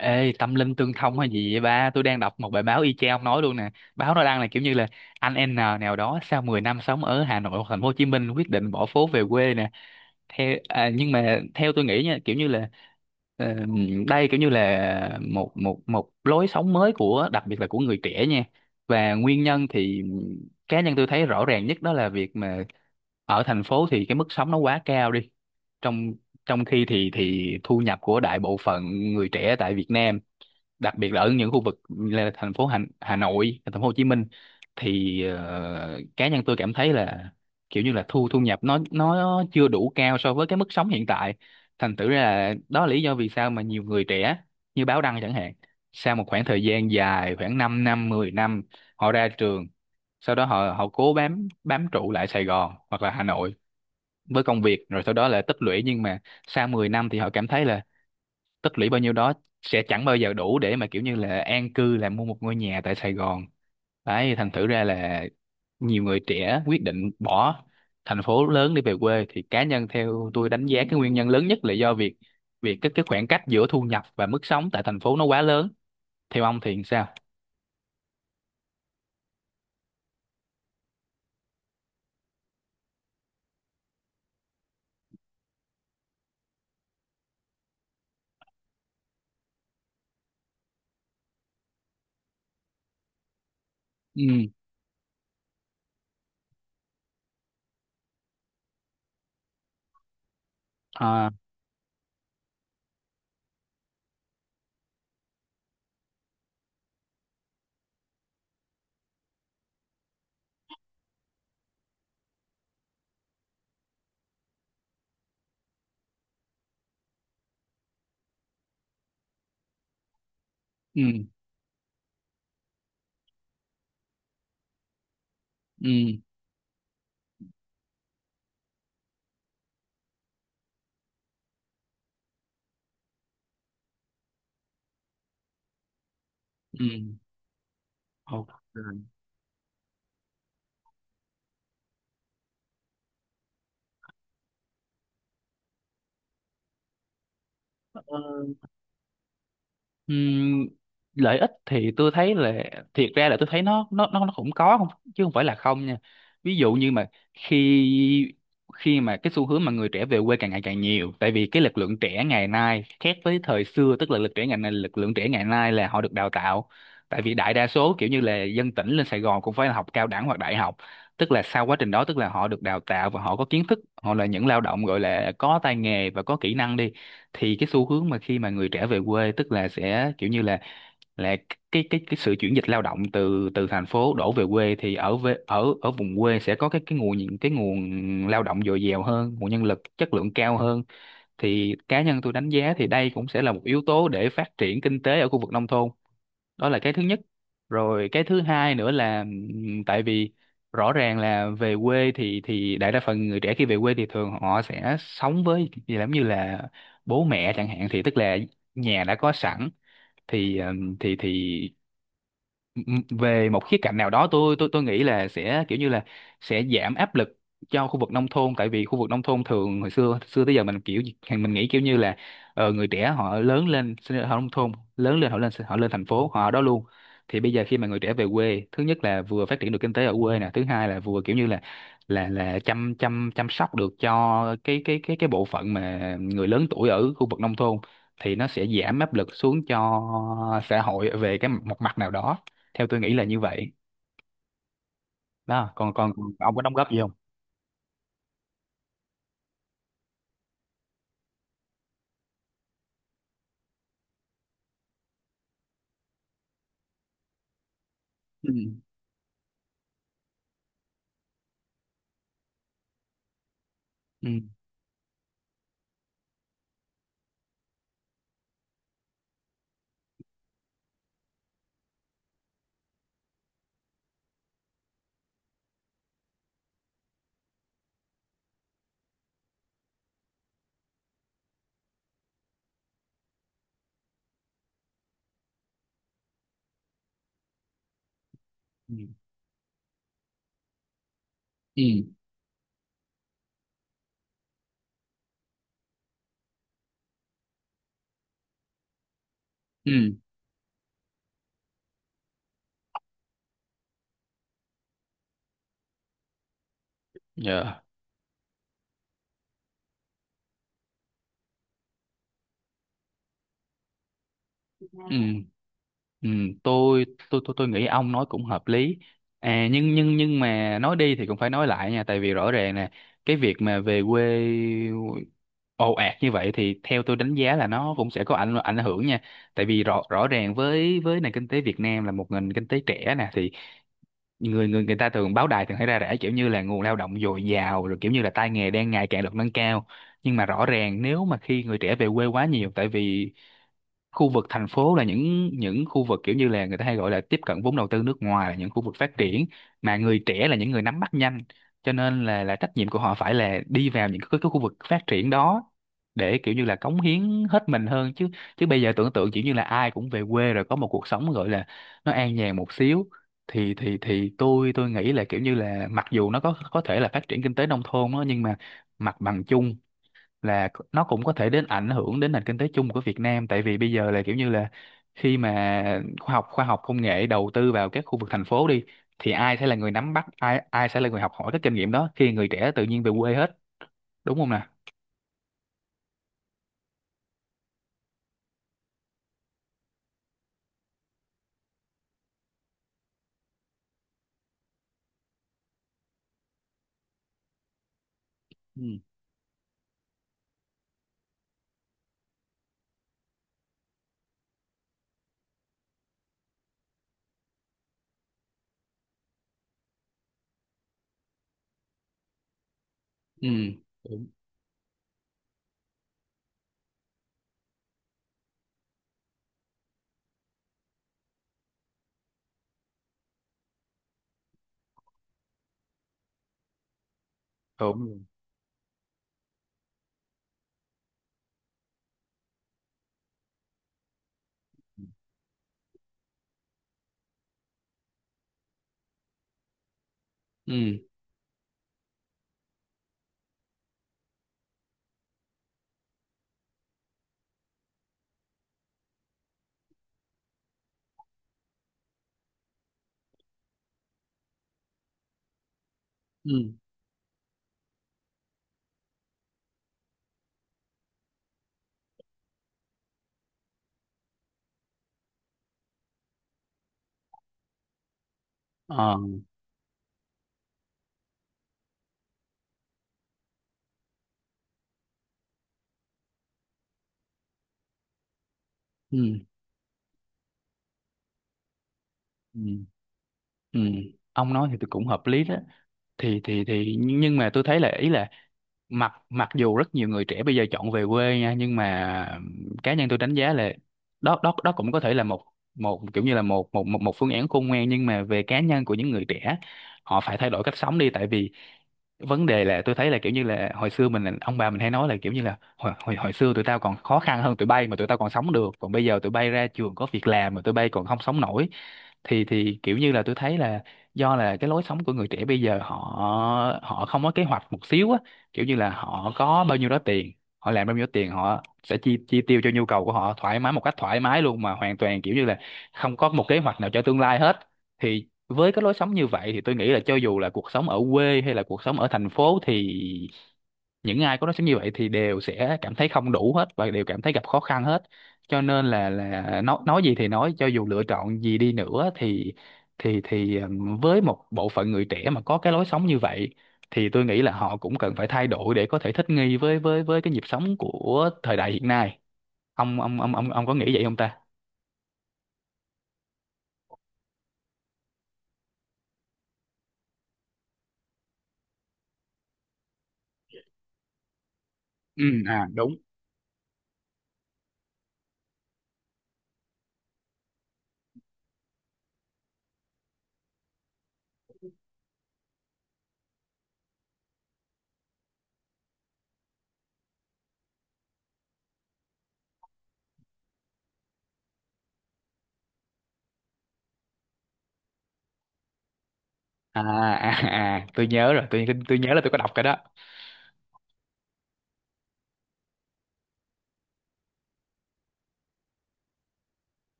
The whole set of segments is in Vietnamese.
Ê, tâm linh tương thông hay gì vậy ba? Tôi đang đọc một bài báo y chang nói luôn nè. Báo nó đăng là kiểu như là anh N nào đó sau 10 năm sống ở Hà Nội hoặc thành phố Hồ Chí Minh quyết định bỏ phố về quê nè. Nhưng mà theo tôi nghĩ nha, kiểu như là ờ, đây kiểu như là một một một lối sống mới của đặc biệt là của người trẻ nha. Và nguyên nhân thì cá nhân tôi thấy rõ ràng nhất đó là việc mà ở thành phố thì cái mức sống nó quá cao đi. Trong trong khi thì thu nhập của đại bộ phận người trẻ tại Việt Nam, đặc biệt là ở những khu vực là thành phố Hà Nội, thành phố Hồ Chí Minh, thì cá nhân tôi cảm thấy là kiểu như là thu thu nhập nó chưa đủ cao so với cái mức sống hiện tại. Thành thử ra là đó là lý do vì sao mà nhiều người trẻ như Báo Đăng chẳng hạn, sau một khoảng thời gian dài khoảng 5 năm, 10 năm họ ra trường, sau đó họ họ cố bám bám trụ lại Sài Gòn hoặc là Hà Nội với công việc rồi sau đó là tích lũy, nhưng mà sau 10 năm thì họ cảm thấy là tích lũy bao nhiêu đó sẽ chẳng bao giờ đủ để mà kiểu như là an cư là mua một ngôi nhà tại Sài Gòn. Đấy, thành thử ra là nhiều người trẻ quyết định bỏ thành phố lớn để về quê thì cá nhân theo tôi đánh giá cái nguyên nhân lớn nhất là do việc việc cái khoảng cách giữa thu nhập và mức sống tại thành phố nó quá lớn. Theo ông thì sao? Ừ, à, ừ, ừ, ừ, ok. Ừm, lợi ích thì tôi thấy là thiệt ra là tôi thấy nó cũng có không chứ không phải là không nha. Ví dụ như mà khi khi mà cái xu hướng mà người trẻ về quê càng ngày càng nhiều, tại vì cái lực lượng trẻ ngày nay khác với thời xưa, tức là lực lượng trẻ ngày nay là họ được đào tạo. Tại vì đại đa số kiểu như là dân tỉnh lên Sài Gòn cũng phải là học cao đẳng hoặc đại học, tức là sau quá trình đó tức là họ được đào tạo và họ có kiến thức, họ là những lao động gọi là có tay nghề và có kỹ năng đi. Thì cái xu hướng mà khi mà người trẻ về quê tức là sẽ kiểu như là là cái sự chuyển dịch lao động từ từ thành phố đổ về quê, thì ở về ở ở vùng quê sẽ có cái nguồn những cái nguồn lao động dồi dào hơn, nguồn nhân lực chất lượng cao hơn. Thì cá nhân tôi đánh giá thì đây cũng sẽ là một yếu tố để phát triển kinh tế ở khu vực nông thôn. Đó là cái thứ nhất. Rồi cái thứ hai nữa là, tại vì rõ ràng là về quê thì đại đa phần người trẻ khi về quê thì thường họ sẽ sống với gì lắm như là bố mẹ chẳng hạn, thì tức là nhà đã có sẵn thì. Ừ, ừ, về một khía cạnh nào đó tôi tôi nghĩ là sẽ kiểu như là sẽ giảm áp lực cho khu vực nông thôn. Tại vì khu vực nông thôn thường hồi xưa xưa tới giờ mình kiểu mình nghĩ kiểu như là người trẻ họ lớn lên sinh ra ở nông thôn, lớn lên họ lên thành phố họ ở đó luôn. Thì bây giờ khi mà người trẻ về quê thứ nhất là vừa phát triển được kinh tế ở quê nè, thứ hai là vừa kiểu như là chăm chăm chăm sóc được cho cái bộ phận mà người lớn tuổi ở khu vực nông thôn, thì nó sẽ giảm áp lực xuống cho xã hội về cái một mặt nào đó, theo tôi nghĩ là như vậy đó. Còn còn còn ông có đóng góp gì không? Ừ, ừ, ừ, ừ, ừ, dạ, ừ, ừ. Tôi tôi tôi tôi nghĩ ông nói cũng hợp lý. À, nhưng mà nói đi thì cũng phải nói lại nha. Tại vì rõ ràng nè, cái việc mà về quê ồ ạt như vậy thì theo tôi đánh giá là nó cũng sẽ có ảnh ảnh hưởng nha. Tại vì rõ rõ ràng với nền kinh tế Việt Nam là một nền kinh tế trẻ nè, thì người người người ta thường báo đài thường thấy ra rẻ kiểu như là nguồn lao động dồi dào, rồi kiểu như là tay nghề đang ngày càng được nâng cao. Nhưng mà rõ ràng nếu mà khi người trẻ về quê quá nhiều, tại vì khu vực thành phố là những khu vực kiểu như là người ta hay gọi là tiếp cận vốn đầu tư nước ngoài, là những khu vực phát triển, mà người trẻ là những người nắm bắt nhanh, cho nên là trách nhiệm của họ phải là đi vào những cái khu vực phát triển đó để kiểu như là cống hiến hết mình hơn chứ. Bây giờ tưởng tượng kiểu như là ai cũng về quê rồi có một cuộc sống gọi là nó an nhàn một xíu, thì tôi nghĩ là kiểu như là mặc dù nó có thể là phát triển kinh tế nông thôn đó, nhưng mà mặt bằng chung là nó cũng có thể đến ảnh hưởng đến nền kinh tế chung của Việt Nam. Tại vì bây giờ là kiểu như là khi mà khoa học công nghệ đầu tư vào các khu vực thành phố đi, thì ai sẽ là người nắm bắt, ai ai sẽ là người học hỏi cái kinh nghiệm đó khi người trẻ tự nhiên về quê hết. Đúng không nè? Ừ, ừ, đúng đúng rồi. Ừ, ừ, ờ, ừ, ừ, ừ. Ông nói thì tôi cũng hợp lý đó. Thì nhưng mà tôi thấy là ý là mặc mặc dù rất nhiều người trẻ bây giờ chọn về quê nha, nhưng mà cá nhân tôi đánh giá là đó đó đó cũng có thể là một một kiểu như là một phương án khôn ngoan, nhưng mà về cá nhân của những người trẻ, họ phải thay đổi cách sống đi. Tại vì vấn đề là tôi thấy là kiểu như là hồi xưa mình ông bà mình hay nói là kiểu như là hồi, hồi hồi xưa tụi tao còn khó khăn hơn tụi bay mà tụi tao còn sống được, còn bây giờ tụi bay ra trường có việc làm mà tụi bay còn không sống nổi. Thì kiểu như là tôi thấy là do là cái lối sống của người trẻ bây giờ, họ họ không có kế hoạch một xíu á, kiểu như là họ có bao nhiêu đó tiền, họ làm bao nhiêu tiền họ sẽ chi chi tiêu cho nhu cầu của họ thoải mái một cách thoải mái luôn, mà hoàn toàn kiểu như là không có một kế hoạch nào cho tương lai hết. Thì với cái lối sống như vậy thì tôi nghĩ là cho dù là cuộc sống ở quê hay là cuộc sống ở thành phố thì những ai có lối sống như vậy thì đều sẽ cảm thấy không đủ hết và đều cảm thấy gặp khó khăn hết. Cho nên là nói gì thì nói, cho dù lựa chọn gì đi nữa thì với một bộ phận người trẻ mà có cái lối sống như vậy thì tôi nghĩ là họ cũng cần phải thay đổi để có thể thích nghi với cái nhịp sống của thời đại hiện nay. Ông có nghĩ vậy không ta? Ừ, à đúng. À, à, à tôi nhớ rồi, tôi nhớ là tôi có đọc cái đó.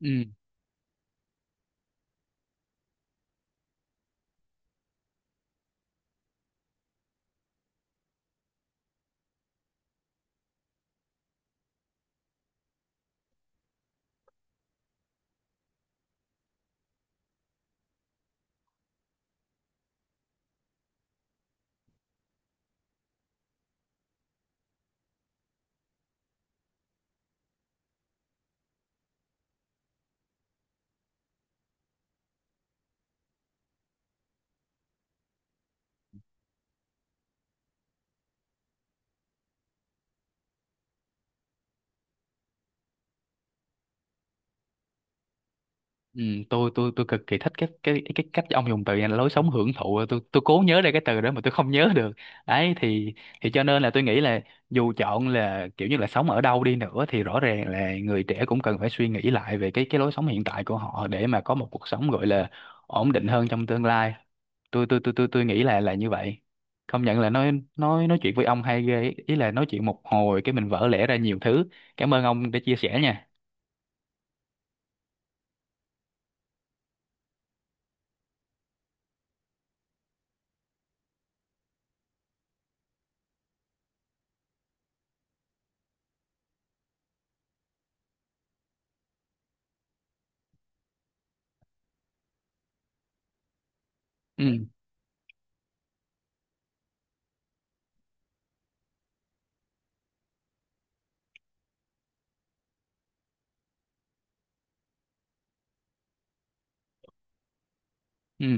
Ừ, ừ, tôi cực kỳ thích cái cách ông dùng từ này là lối sống hưởng thụ, tôi cố nhớ ra cái từ đó mà tôi không nhớ được. Đấy, thì cho nên là tôi nghĩ là dù chọn là kiểu như là sống ở đâu đi nữa thì rõ ràng là người trẻ cũng cần phải suy nghĩ lại về cái lối sống hiện tại của họ để mà có một cuộc sống gọi là ổn định hơn trong tương lai. Tôi nghĩ là như vậy. Công nhận là nói chuyện với ông hay ghê ý, là nói chuyện một hồi cái mình vỡ lẽ ra nhiều thứ. Cảm ơn ông đã chia sẻ nha. Ừ, ừ,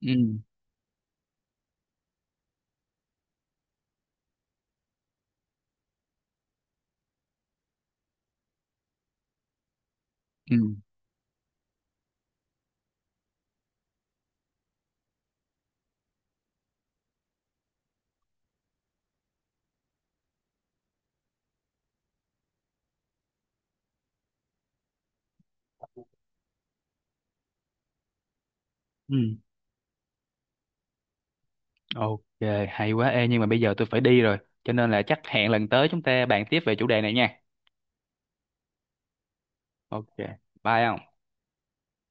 ừ, ừ, ừ. Ok, hay quá. Ê, nhưng mà bây giờ tôi phải đi rồi. Cho nên là chắc hẹn lần tới chúng ta bàn tiếp về chủ đề này nha. Ok, bye không?